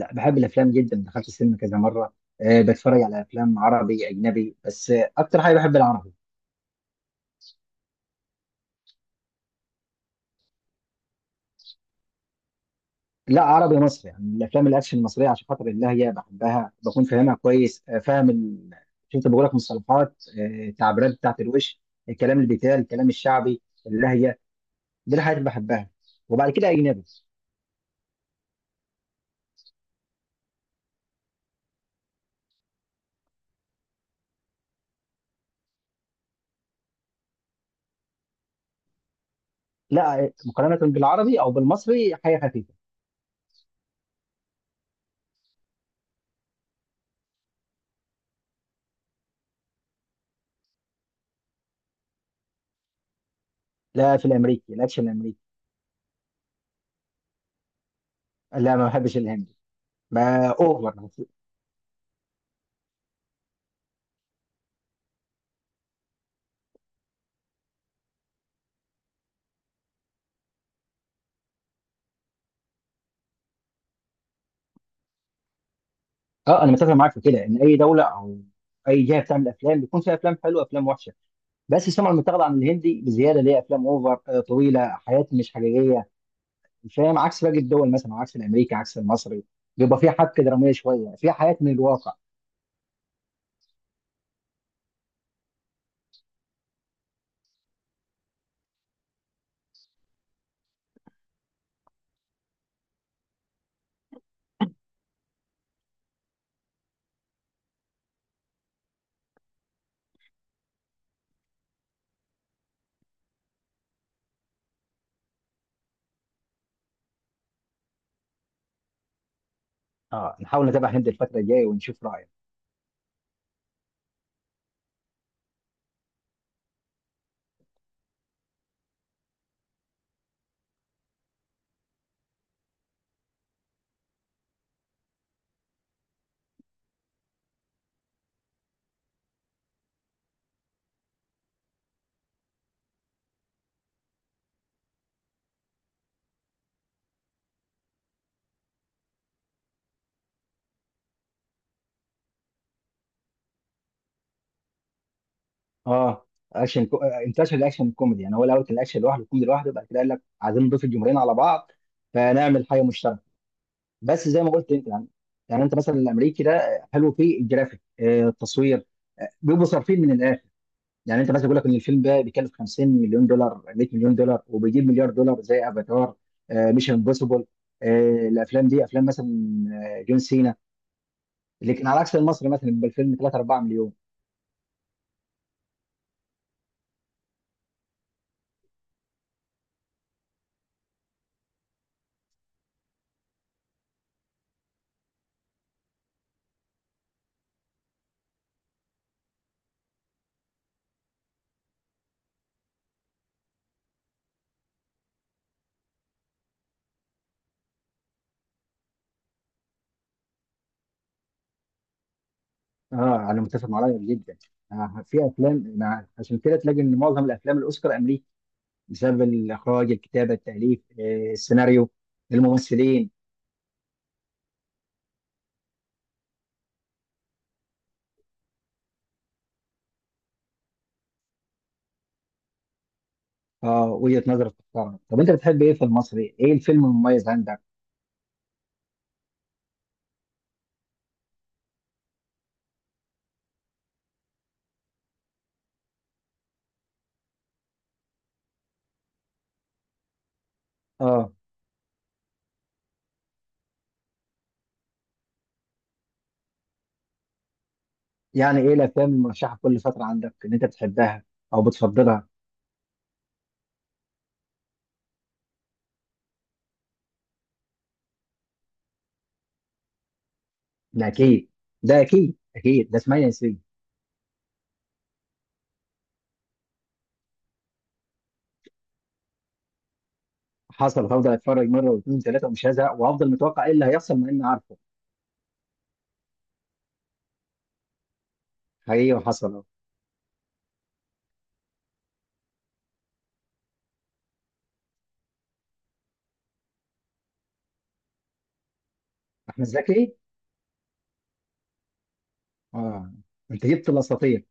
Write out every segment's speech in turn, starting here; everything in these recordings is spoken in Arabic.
لا، بحب الافلام جدا. دخلت السينما كذا مره. أه، بتفرج على افلام عربي اجنبي. بس اكتر حاجه بحب العربي. لا، عربي مصري، يعني الافلام الاكشن المصريه عشان خاطر الله هي بحبها، بكون فاهمها كويس، فاهم. شفت، بقول لك مصطلحات، تعبيرات بتاعت الوش، الكلام اللي بيتقال، الكلام الشعبي، اللهجه. دي الحاجات اللي بحبها، وبعد كده اجنبي. لا، مقارنه بالعربي او بالمصري حاجه خفيفه. لا، في الامريكي الاكشن الامريكي. لا، ما بحبش الهندي، ما اوفر. اه، انا متفق معاك في كده، ان اي دوله او اي جهه بتعمل افلام بيكون فيها افلام حلوه وافلام وحشه. بس السمعه المتاخده عن الهندي بزياده، ليه افلام اوفر، طويله، حياه مش حقيقيه. فاهم، عكس باقي الدول، مثلا عكس الامريكي، عكس المصري بيبقى فيها حبكه دراميه شويه، فيها حياه من الواقع. اه، نحاول نتابع هند الفتره الجايه ونشوف رايه. اه، اكشن كو... آه، انتشر الاكشن الكوميدي. يعني هو الاول كان الاكشن لوحده، الكوميدي لوحده، بعد كده قال لك عايزين نضيف الجمهورين على بعض، فنعمل حاجه مشتركه. بس زي ما قلت انت، يعني انت مثلا الامريكي ده حلو، فيه الجرافيك، التصوير، بيبقوا صارفين من الاخر. يعني انت مثلا بيقول لك ان الفيلم ده بيكلف 50 مليون دولار، 100 مليون دولار، وبيجيب مليار دولار، زي افاتار، ميشن امبوسيبل. الافلام دي افلام مثلا، جون سينا. لكن على عكس المصري مثلا بيبقى الفيلم 3 4 مليون. اه، انا متفق معاك جدا. في افلام عشان كده تلاقي ان معظم الافلام الاوسكار امريكي، بسبب الاخراج، الكتابه، التاليف، السيناريو، الممثلين. اه، وجهه نظرك تحترم. طب انت بتحب ايه في المصري؟ ايه الفيلم المميز عندك؟ اه، يعني ايه الافلام المرشحه كل فتره عندك ان انت بتحبها او بتفضلها؟ ده اكيد. ده اكيد اكيد، ده اسمها نسبيه. حصل، هفضل اتفرج مره واثنين وثلاثه ومش هزهق، وهفضل متوقع ايه اللي هيحصل مع اني عارفه. حقيقي، وحصل اهو. احمد زكي. اه، انت جبت الاساطير.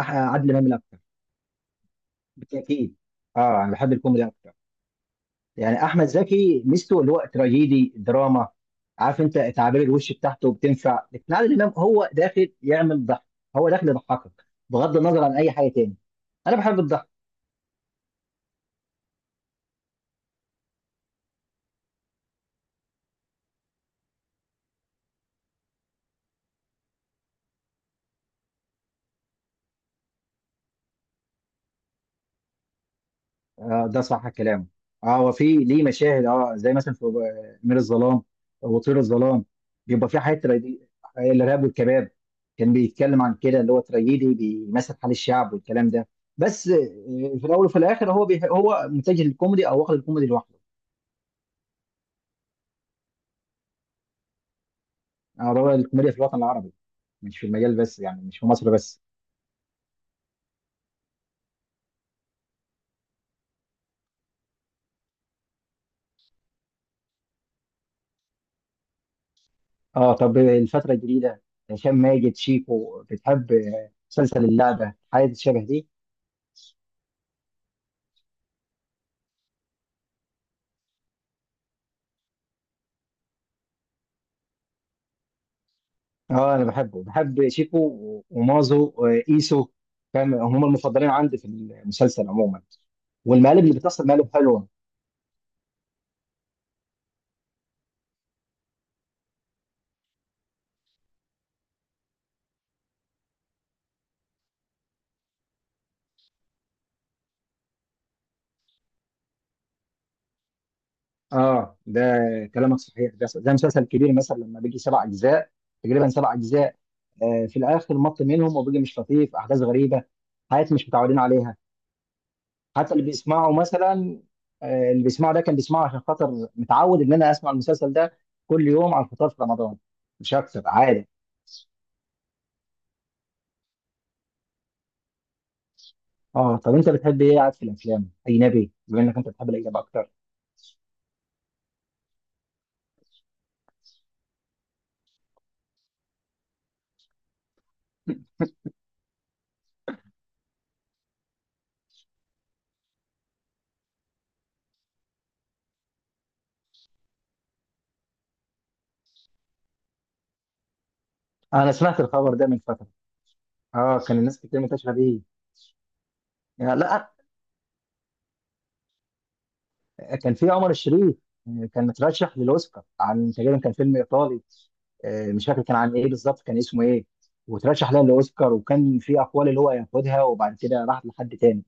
عادل امام الاكتر. بالتاكيد. اه، انا بحب الكوميدي اكتر. يعني احمد زكي ميزته اللي هو تراجيدي دراما، عارف انت، تعابير الوش بتاعته بتنفع. لكن عادل امام هو داخل يعمل ضحك، هو داخل يضحكك بغض النظر عن اي حاجه تاني. انا بحب الضحك. آه، ده صح كلامه. اه، هو في ليه مشاهد، اه زي مثلا في امير الظلام وطير الظلام، بيبقى في حاجات تراجيدي. الارهاب والكباب كان بيتكلم عن كده، اللي هو تراجيدي بيمثل حال الشعب والكلام ده. بس في الاول وفي الاخر هو هو متجه للكوميدي، او واخد الكوميدي لوحده. اه، بابا الكوميديا في الوطن العربي، مش في المجال بس، يعني مش في مصر بس. اه، طب الفترة الجديدة، هشام ماجد شيكو، بتحب مسلسل اللعبة، حاجة شبه دي؟ اه، انا بحبه. بحب شيكو ومازو وايسو، فاهم، هم المفضلين عندي في المسلسل عموما. والمقالب اللي بتحصل مقالب حلوه. اه، ده كلامك صحيح. ده مسلسل كبير مثلا لما بيجي سبع اجزاء، تقريبا سبع اجزاء. في الاخر مط منهم وبيجي مش لطيف، احداث غريبه، حاجات مش متعودين عليها. حتى اللي بيسمعه مثلا، اللي بيسمعه ده كان بيسمعه عشان خاطر متعود ان انا اسمع المسلسل ده كل يوم على الفطار في رمضان، مش اكتر، عادي. اه، طب انت بتحب ايه قاعد في الافلام اجنبي، بما انك انت بتحب الاجنبي اكتر؟ انا سمعت الخبر ده من فتره. اه، كان الناس كتير منتشره بيه. يعني لا، كان في عمر الشريف، كان مترشح للاوسكار عن تقريبا كان فيلم ايطالي، مش فاكر كان عن ايه بالظبط، كان اسمه ايه. وترشح لها للاوسكار، وكان في اقوال اللي هو ياخدها، وبعد كده راحت لحد تاني.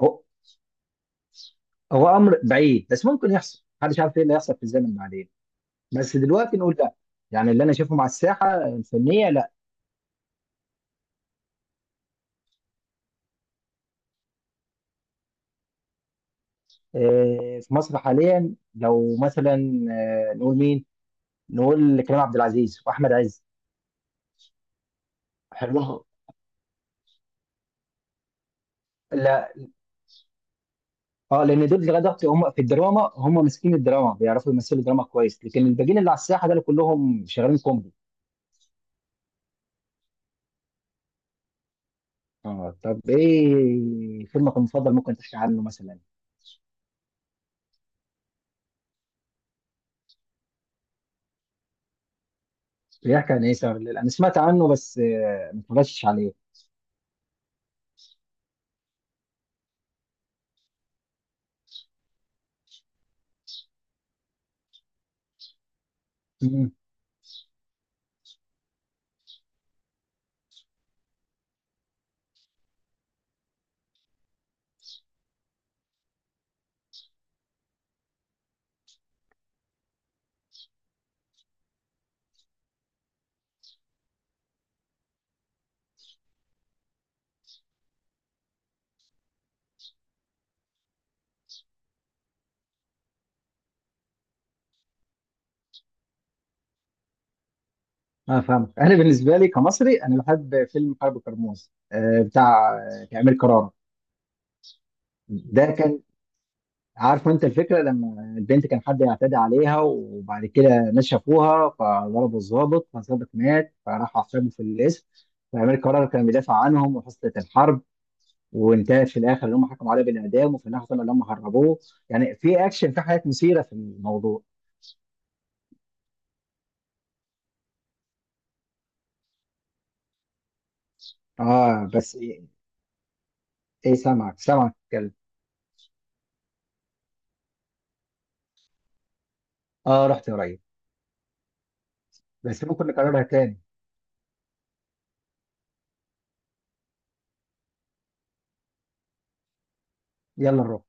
هو هو امر بعيد بس ممكن يحصل، محدش عارف ايه اللي هيحصل في الزمن بعدين. بس دلوقتي نقول لا، يعني اللي انا شايفه مع الساحه الفنيه لا. في مصر حاليا لو مثلا، نقول مين؟ نقول كريم عبد العزيز واحمد عز. حلوها. لا. اه، لان دول لغايه دلوقتي هم في الدراما، هم ماسكين الدراما، بيعرفوا يمثلوا الدراما كويس. لكن الباقيين اللي على الساحه دول كلهم شغالين كوميدي. اه، طب ايه فيلمك المفضل؟ ممكن تحكي عنه مثلا. بيحكي عن ايه؟ انا سمعت عنه، بس ما اتفرجتش عليه. انا فاهمك. انا بالنسبه لي كمصري، انا بحب فيلم قلب كرموز، بتاع امير كرارة. ده كان، عارف انت الفكره، لما البنت كان حد يعتدي عليها، وبعد كده ناس شافوها، فضربوا الضابط، فالضابط مات، فراح اعتقلوا في القسم. فامير كرارة كان بيدافع عنهم وحصلت الحرب، وانتهت في الاخر ان هم حكموا عليه بالاعدام، وفي الاخر طلعوا ان هم هربوه. يعني في اكشن، في حاجات مثيره في الموضوع. اه، بس ايه. إيه، سامعك سامعك، اتكلم. اه، رحت قريب. بس ممكن نكررها تاني. يلا نروح.